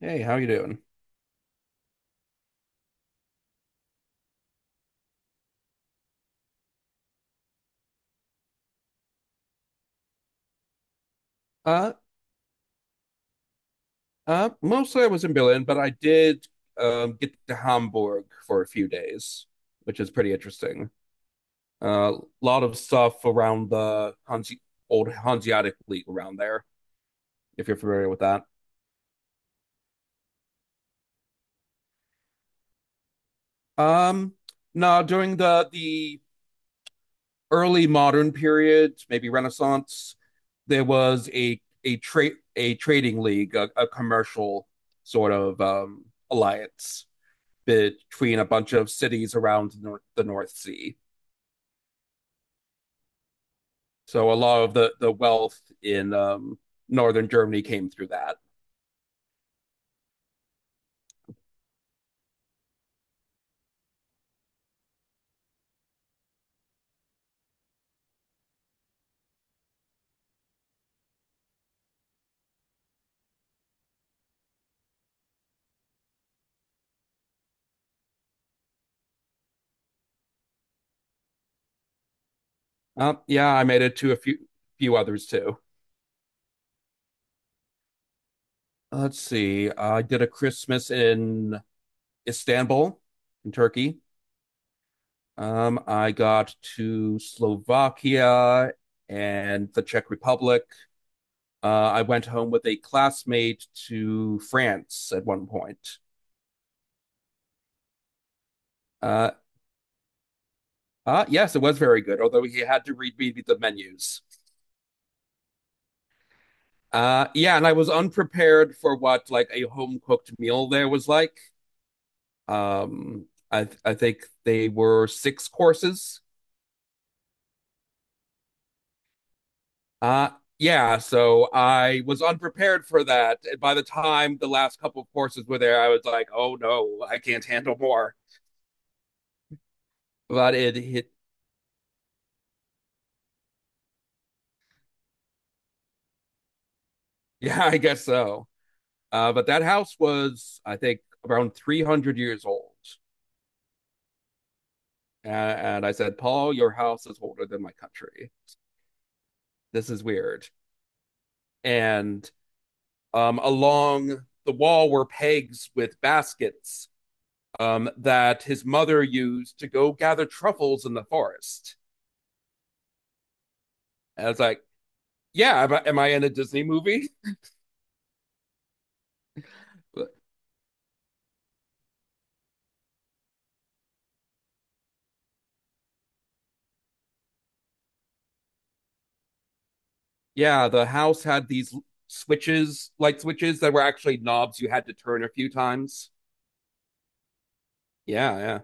Hey, how you doing? Uh, mostly I was in Berlin, but I did get to Hamburg for a few days, which is pretty interesting. A lot of stuff around the Hanse old Hanseatic League around there, if you're familiar with that. Um, no, during the early modern period, maybe Renaissance, there was a trading league, a commercial sort of alliance between a bunch of cities around the North, Sea. So a lot of the wealth in northern Germany came through that. Yeah, I made it to a few few others too. Let's see. I did a Christmas in Istanbul, in Turkey. I got to Slovakia and the Czech Republic. I went home with a classmate to France at one point. Uh, yes, it was very good, although he had to read me the menus. Yeah, and I was unprepared for what like a home cooked meal there was like. I think they were six courses. Uh, yeah, so I was unprepared for that. And by the time the last couple of courses were there, I was like, oh no, I can't handle more. But it hit, yeah, I guess so. But that house was, I think, around 300 years old. And, and I said, Paul, your house is older than my country. This is weird. And along the wall were pegs with baskets that his mother used to go gather truffles in the forest. And I was like, yeah, am I in a Disney movie? Yeah, the house had these switches, light switches that were actually knobs you had to turn a few times. Yeah, yeah.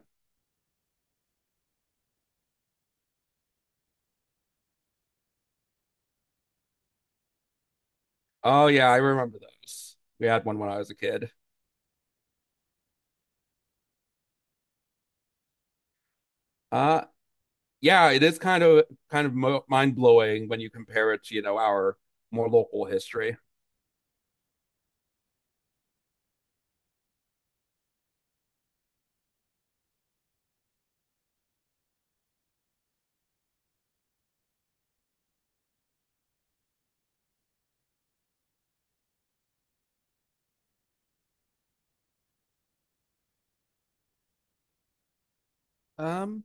Oh, yeah, I remember those. We had one when I was a kid. Uh, yeah, it is kind of mind blowing when you compare it to you know our more local history. Um,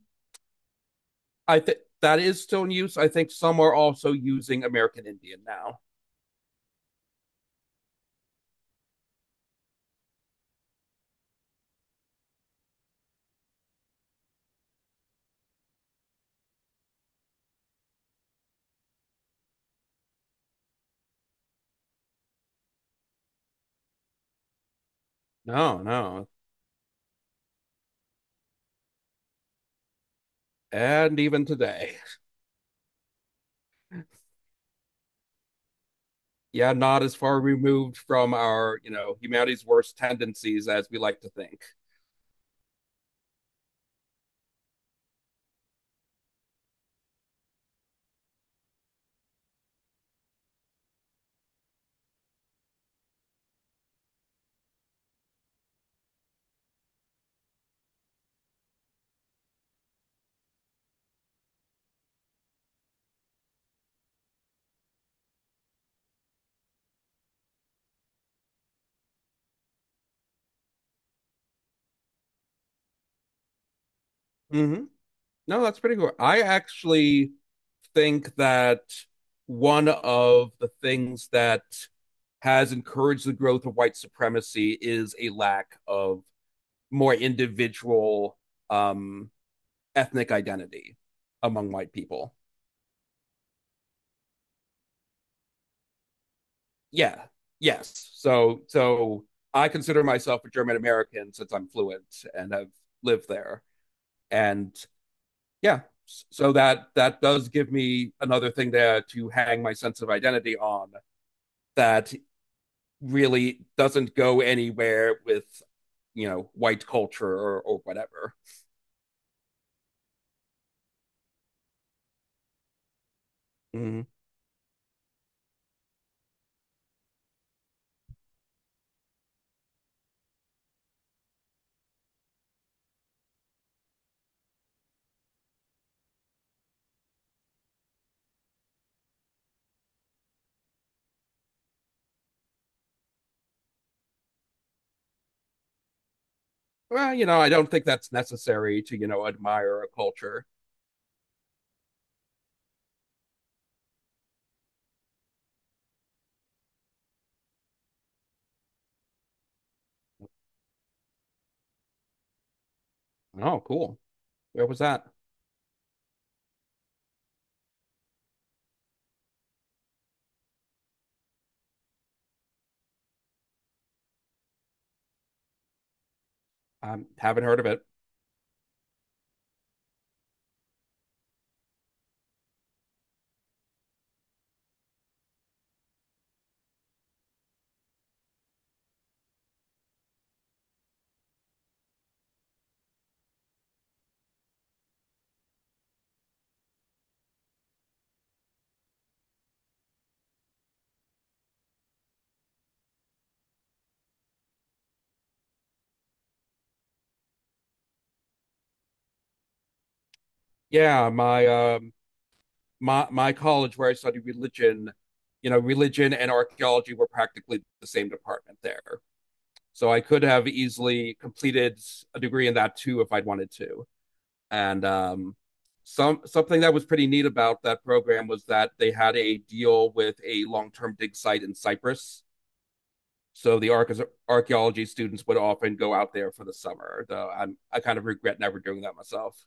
I think that is still in use. I think some are also using American Indian now. No, no, and even today, yeah, not as far removed from our you know humanity's worst tendencies as we like to think. Mm-hmm. No, that's pretty cool. I actually think that one of the things that has encouraged the growth of white supremacy is a lack of more individual um, ethnic identity among white people. Yeah. Yes. So I consider myself a German American since I'm fluent and have lived there. And yeah, so that does give me another thing there to hang my sense of identity on that really doesn't go anywhere with you know white culture or whatever. Mhm. Well, you know, I don't think that's necessary to, you know, admire a culture. Oh cool, where was that? I haven't heard of it. Yeah, my college where I studied religion, you know, religion and archaeology were practically the same department there, so I could have easily completed a degree in that too if I'd wanted to. And something that was pretty neat about that program was that they had a deal with a long-term dig site in Cyprus. So the archaeology students would often go out there for the summer. Though I kind of regret never doing that myself.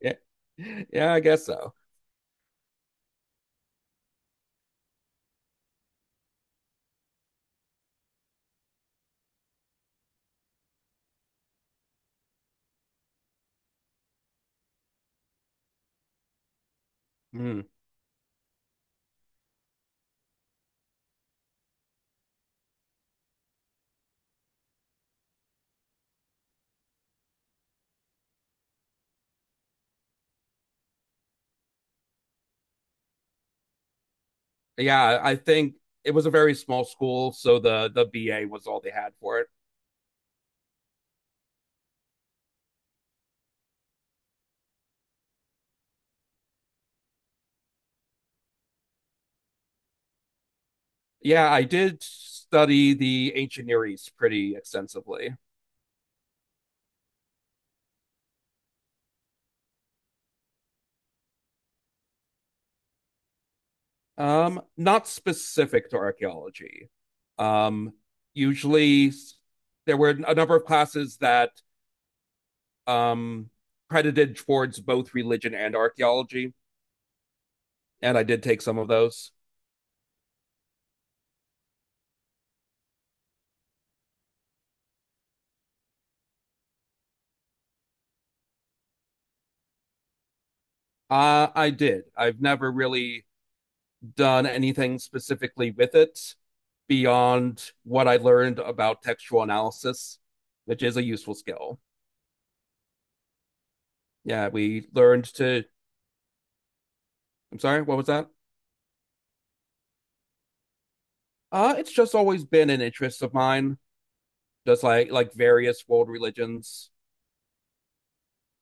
Yeah, yeah, I guess so. Mm. Yeah, I think it was a very small school, so the BA was all they had for it. Yeah, I did study the ancient Near East pretty extensively. Not specific to archaeology. Um, Usually, there were a number of classes that um, credited towards both religion and archaeology, and I did take some of those. I did. I've never really done anything specifically with it beyond what I learned about textual analysis, which is a useful skill. Yeah, we learned to. I'm sorry, what was that? It's just always been an interest of mine. Just like various world religions.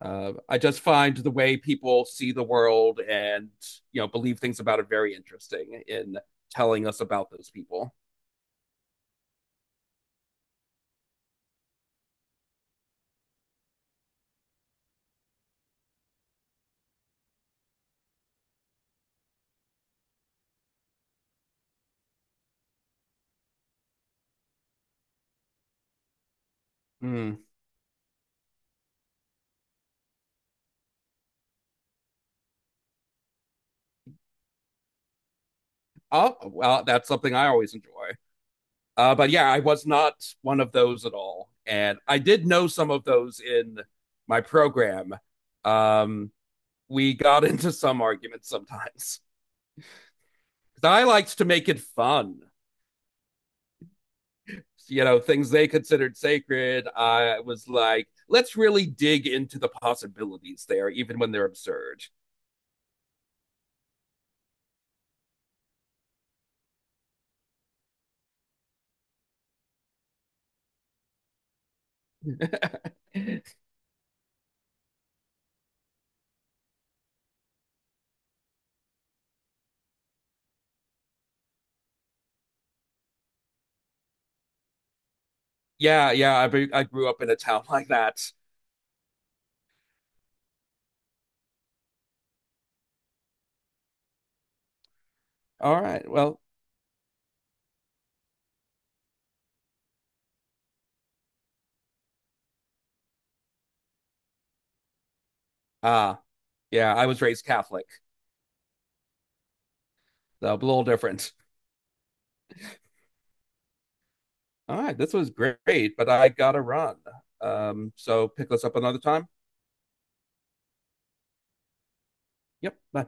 I just find the way people see the world and you know believe things about it very interesting in telling us about those people. Mm. Oh well, that's something I always enjoy. But yeah, I was not one of those at all, and I did know some of those in my program. Um, we got into some arguments sometimes. I liked to make it fun. You know, things they considered sacred, I was like, let's really dig into the possibilities there even when they're absurd. Yeah, yeah, I grew up in a town like that. All right, well, ah uh, yeah, I was raised Catholic, so a little different. All right, this was great, but I gotta run. So pick us up another time. Yep, bye.